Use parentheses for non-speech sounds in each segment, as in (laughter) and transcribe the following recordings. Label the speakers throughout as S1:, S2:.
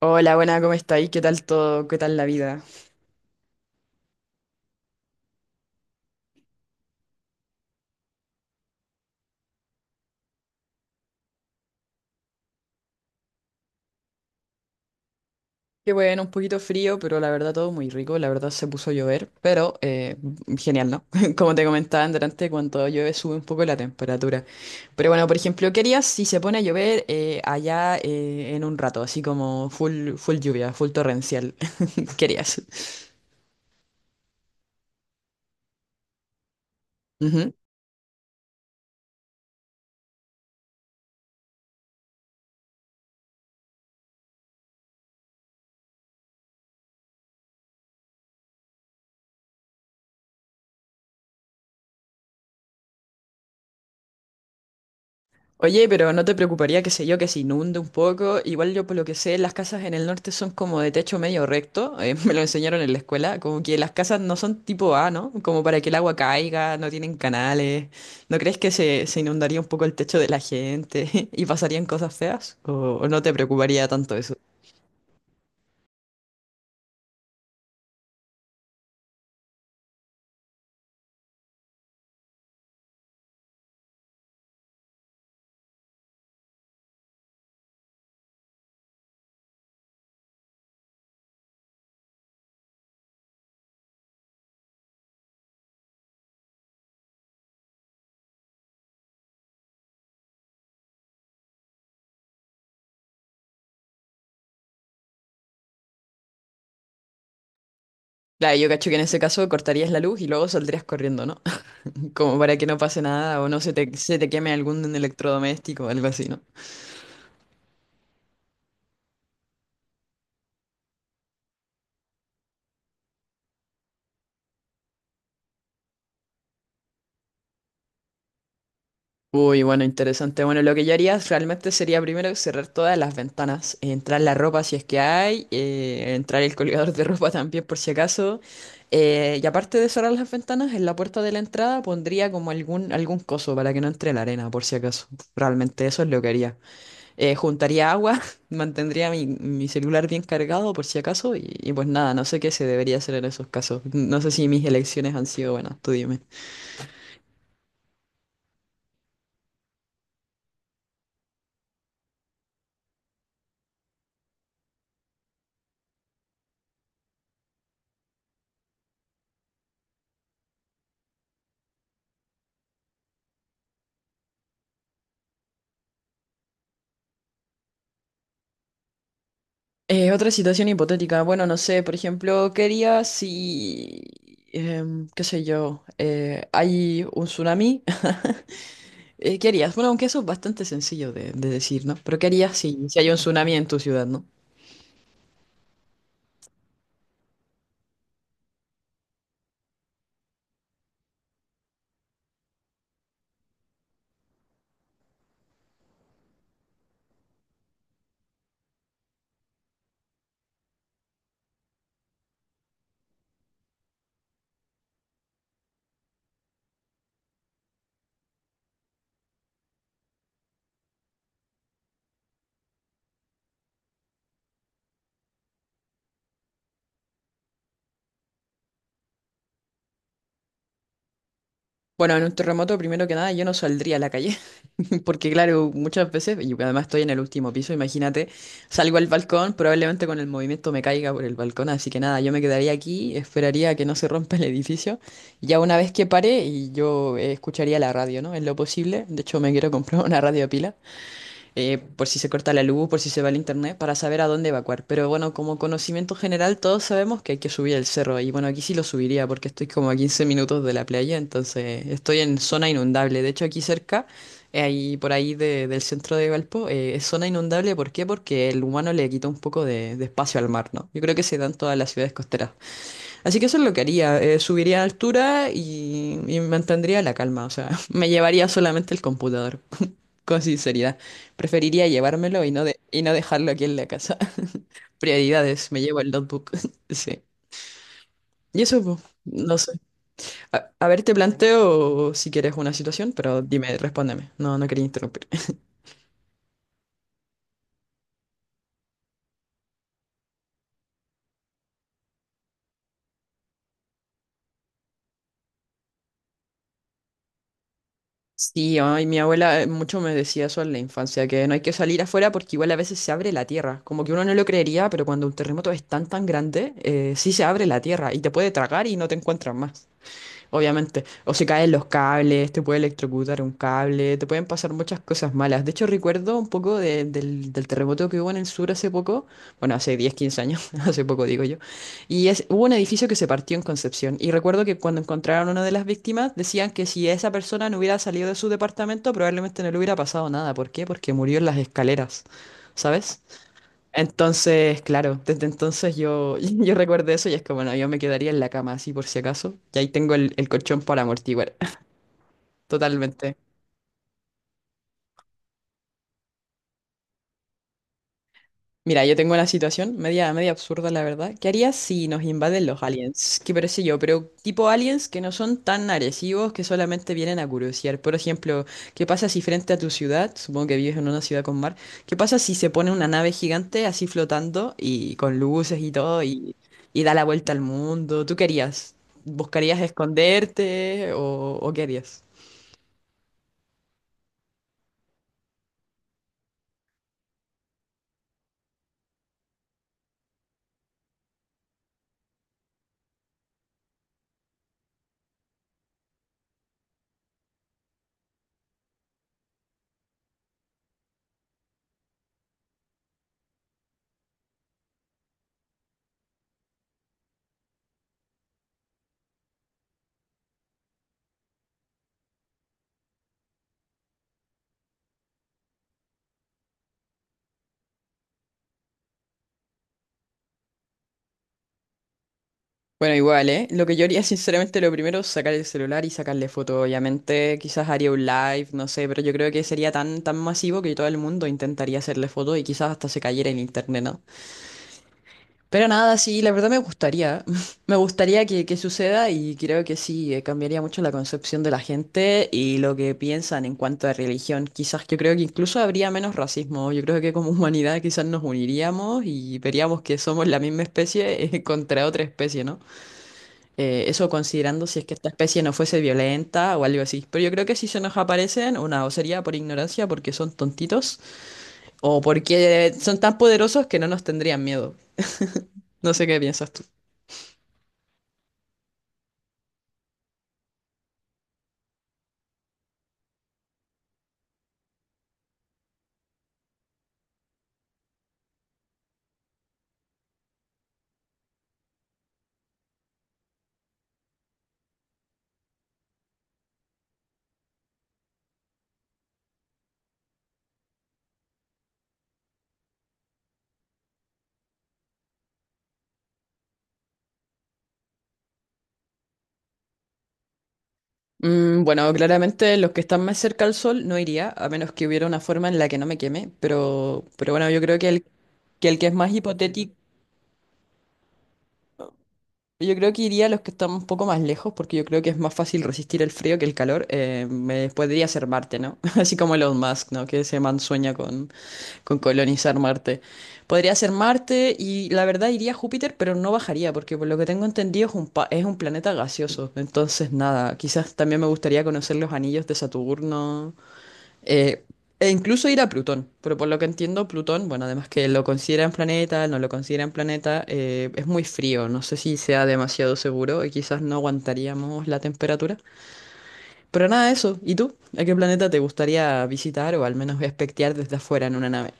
S1: Hola, buena, ¿cómo estáis? ¿Qué tal todo? ¿Qué tal la vida? Qué bueno, un poquito frío, pero la verdad todo muy rico. La verdad se puso a llover, pero genial, ¿no? (laughs) Como te comentaba antes, cuando llueve sube un poco la temperatura. Pero bueno, por ejemplo, ¿qué harías si se pone a llover allá en un rato? Así como full, full lluvia, full torrencial. (laughs) ¿Qué harías? Oye, pero ¿no te preocuparía, qué sé yo, que se inunde un poco? Igual yo por lo que sé, las casas en el norte son como de techo medio recto, (laughs) me lo enseñaron en la escuela, como que las casas no son tipo A, ¿no? Como para que el agua caiga, no tienen canales. ¿No crees que se inundaría un poco el techo de la gente (laughs) y pasarían cosas feas? O no te preocuparía tanto eso? Claro, yo cacho que en ese caso cortarías la luz y luego saldrías corriendo, ¿no? (laughs) Como para que no pase nada o no se te queme algún electrodoméstico o algo así, ¿no? Uy, bueno, interesante. Bueno, lo que yo haría realmente sería primero cerrar todas las ventanas, entrar la ropa si es que hay, entrar el colgador de ropa también por si acaso. Y aparte de cerrar las ventanas, en la puerta de la entrada pondría como algún coso para que no entre la arena por si acaso. Realmente eso es lo que haría. Juntaría agua, (laughs) mantendría mi celular bien cargado por si acaso y pues nada, no sé qué se debería hacer en esos casos. No sé si mis elecciones han sido buenas, tú dime. Otra situación hipotética. Bueno, no sé, por ejemplo, ¿qué harías si, em, qué sé yo, hay un tsunami? (laughs) ¿Qué harías? Bueno, aunque eso es bastante sencillo de decir, ¿no? Pero ¿qué harías si hay un tsunami en tu ciudad, ¿no? Bueno, en un terremoto, primero que nada, yo no saldría a la calle, (laughs) porque claro, muchas veces, y además estoy en el último piso, imagínate, salgo al balcón, probablemente con el movimiento me caiga por el balcón, así que nada, yo me quedaría aquí, esperaría a que no se rompa el edificio, y ya una vez que pare, y yo escucharía la radio, ¿no? En lo posible, de hecho me quiero comprar (laughs) una radio a pila, por si se corta la luz, por si se va el internet, para saber a dónde evacuar. Pero bueno, como conocimiento general, todos sabemos que hay que subir el cerro. Y bueno, aquí sí lo subiría porque estoy como a 15 minutos de la playa, entonces estoy en zona inundable. De hecho, aquí cerca, ahí por ahí de- del centro de Valpo, es zona inundable. ¿Por qué? Porque el humano le quita un poco de espacio al mar, ¿no? Yo creo que se dan todas las ciudades costeras. Así que eso es lo que haría. Eh, subiría a altura y mantendría la calma. O sea, (laughs) me llevaría solamente el computador. Con sinceridad, preferiría llevármelo y no dejarlo aquí en la casa. (laughs) Prioridades, me llevo el notebook. (laughs) Sí. Y eso, pues, no sé. A ver, te planteo si quieres una situación, pero dime, respóndeme. No, no quería interrumpir. (laughs) Sí, ay, mi abuela mucho me decía eso en la infancia, que no hay que salir afuera porque igual a veces se abre la tierra. Como que uno no lo creería, pero cuando un terremoto es tan grande, sí se abre la tierra y te puede tragar y no te encuentras más. Obviamente. O se caen los cables, te puede electrocutar un cable, te pueden pasar muchas cosas malas. De hecho, recuerdo un poco del terremoto que hubo en el sur hace poco, bueno, hace 10 15 años, (laughs) hace poco digo yo, y es, hubo un edificio que se partió en Concepción. Y recuerdo que cuando encontraron a una de las víctimas, decían que si esa persona no hubiera salido de su departamento, probablemente no le hubiera pasado nada. ¿Por qué? Porque murió en las escaleras, ¿sabes? Entonces, claro, desde entonces yo, (laughs) yo recuerdo eso y es que, bueno, yo me quedaría en la cama así por si acaso. Y ahí tengo el colchón para amortiguar. (laughs) Totalmente. Mira, yo tengo una situación media absurda, la verdad. ¿Qué harías si nos invaden los aliens? ¿Qué parece yo? Pero tipo aliens que no son tan agresivos, que solamente vienen a curiosear. Por ejemplo, ¿qué pasa si frente a tu ciudad, supongo que vives en una ciudad con mar, qué pasa si se pone una nave gigante así flotando y con luces y todo y da la vuelta al mundo? ¿Tú qué harías? ¿Buscarías esconderte o qué harías? Bueno, igual, ¿eh? Lo que yo haría, (laughs) sinceramente, lo primero es sacar el celular y sacarle foto, obviamente. Quizás haría un live, no sé, pero yo creo que sería tan masivo que todo el mundo intentaría hacerle foto y quizás hasta se cayera en internet, ¿no? Pero nada, sí, la verdad me gustaría. (laughs) Me gustaría que suceda y creo que sí, cambiaría mucho la concepción de la gente y lo que piensan en cuanto a religión. Quizás yo creo que incluso habría menos racismo. Yo creo que como (laughs) humanidad quizás nos uniríamos y veríamos que somos la misma especie, (laughs) contra otra especie, ¿no? Eso considerando si es que esta especie no fuese violenta o algo así. Pero yo creo que si se nos aparecen, una o sería por ignorancia, porque son tontitos, o porque son tan poderosos que no nos tendrían miedo. No sé qué piensas tú. Mm, bueno, claramente los que están más cerca al sol no iría, a menos que hubiera una forma en la que no me queme. Pero bueno, yo creo que el que es más hipotético, yo creo que iría a los que están un poco más lejos, porque yo creo que es más fácil resistir el frío que el calor. Me podría ser Marte, ¿no? (laughs) Así como Elon Musk, ¿no? Que se mansueña con colonizar Marte. Podría ser Marte y la verdad iría a Júpiter, pero no bajaría, porque por lo que tengo entendido es un, pa- es un planeta gaseoso. Entonces, nada, quizás también me gustaría conocer los anillos de Saturno. Eh, e incluso ir a Plutón, pero por lo que entiendo, Plutón, bueno, además que lo consideran planeta, no lo consideran planeta, es muy frío, no sé si sea demasiado seguro y quizás no aguantaríamos la temperatura. Pero nada, eso. ¿Y tú? ¿A qué planeta te gustaría visitar o al menos espectear desde afuera en una nave?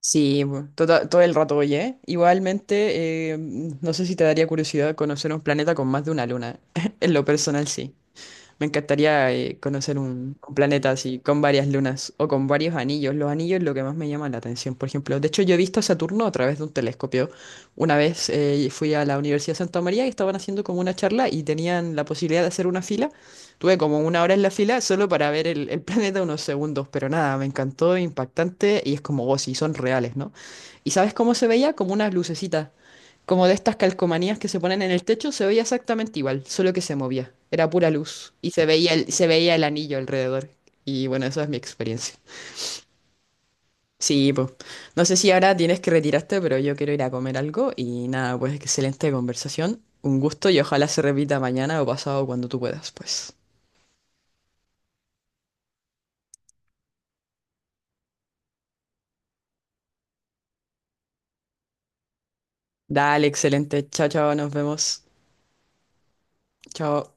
S1: Sí, bu- tota- todo el rato, oye. ¿Eh? Igualmente, no sé si te daría curiosidad conocer un planeta con más de una luna. (laughs) En lo personal, sí. Me encantaría conocer un planeta así, con varias lunas o con varios anillos. Los anillos es lo que más me llama la atención, por ejemplo. De hecho, yo he visto a Saturno a través de un telescopio. Una vez fui a la Universidad de Santa María y estaban haciendo como una charla y tenían la posibilidad de hacer una fila. Tuve como una hora en la fila solo para ver el (laughs) planeta unos segundos, pero nada, me encantó, impactante y es como, oh, sí, son reales, ¿no? ¿Y sabes cómo se veía? Como unas lucecitas como de estas calcomanías que se ponen en el techo, se veía exactamente igual, solo que se movía. Era pura luz. Y se veía se veía el anillo alrededor. Y bueno, esa es mi experiencia. Sí, pues. No sé si ahora tienes que retirarte, pero yo quiero ir a comer algo. Y nada, pues excelente conversación. Un gusto y ojalá se repita mañana o pasado cuando tú puedas, pues. Dale, excelente. Chao, chao, nos vemos. Chao.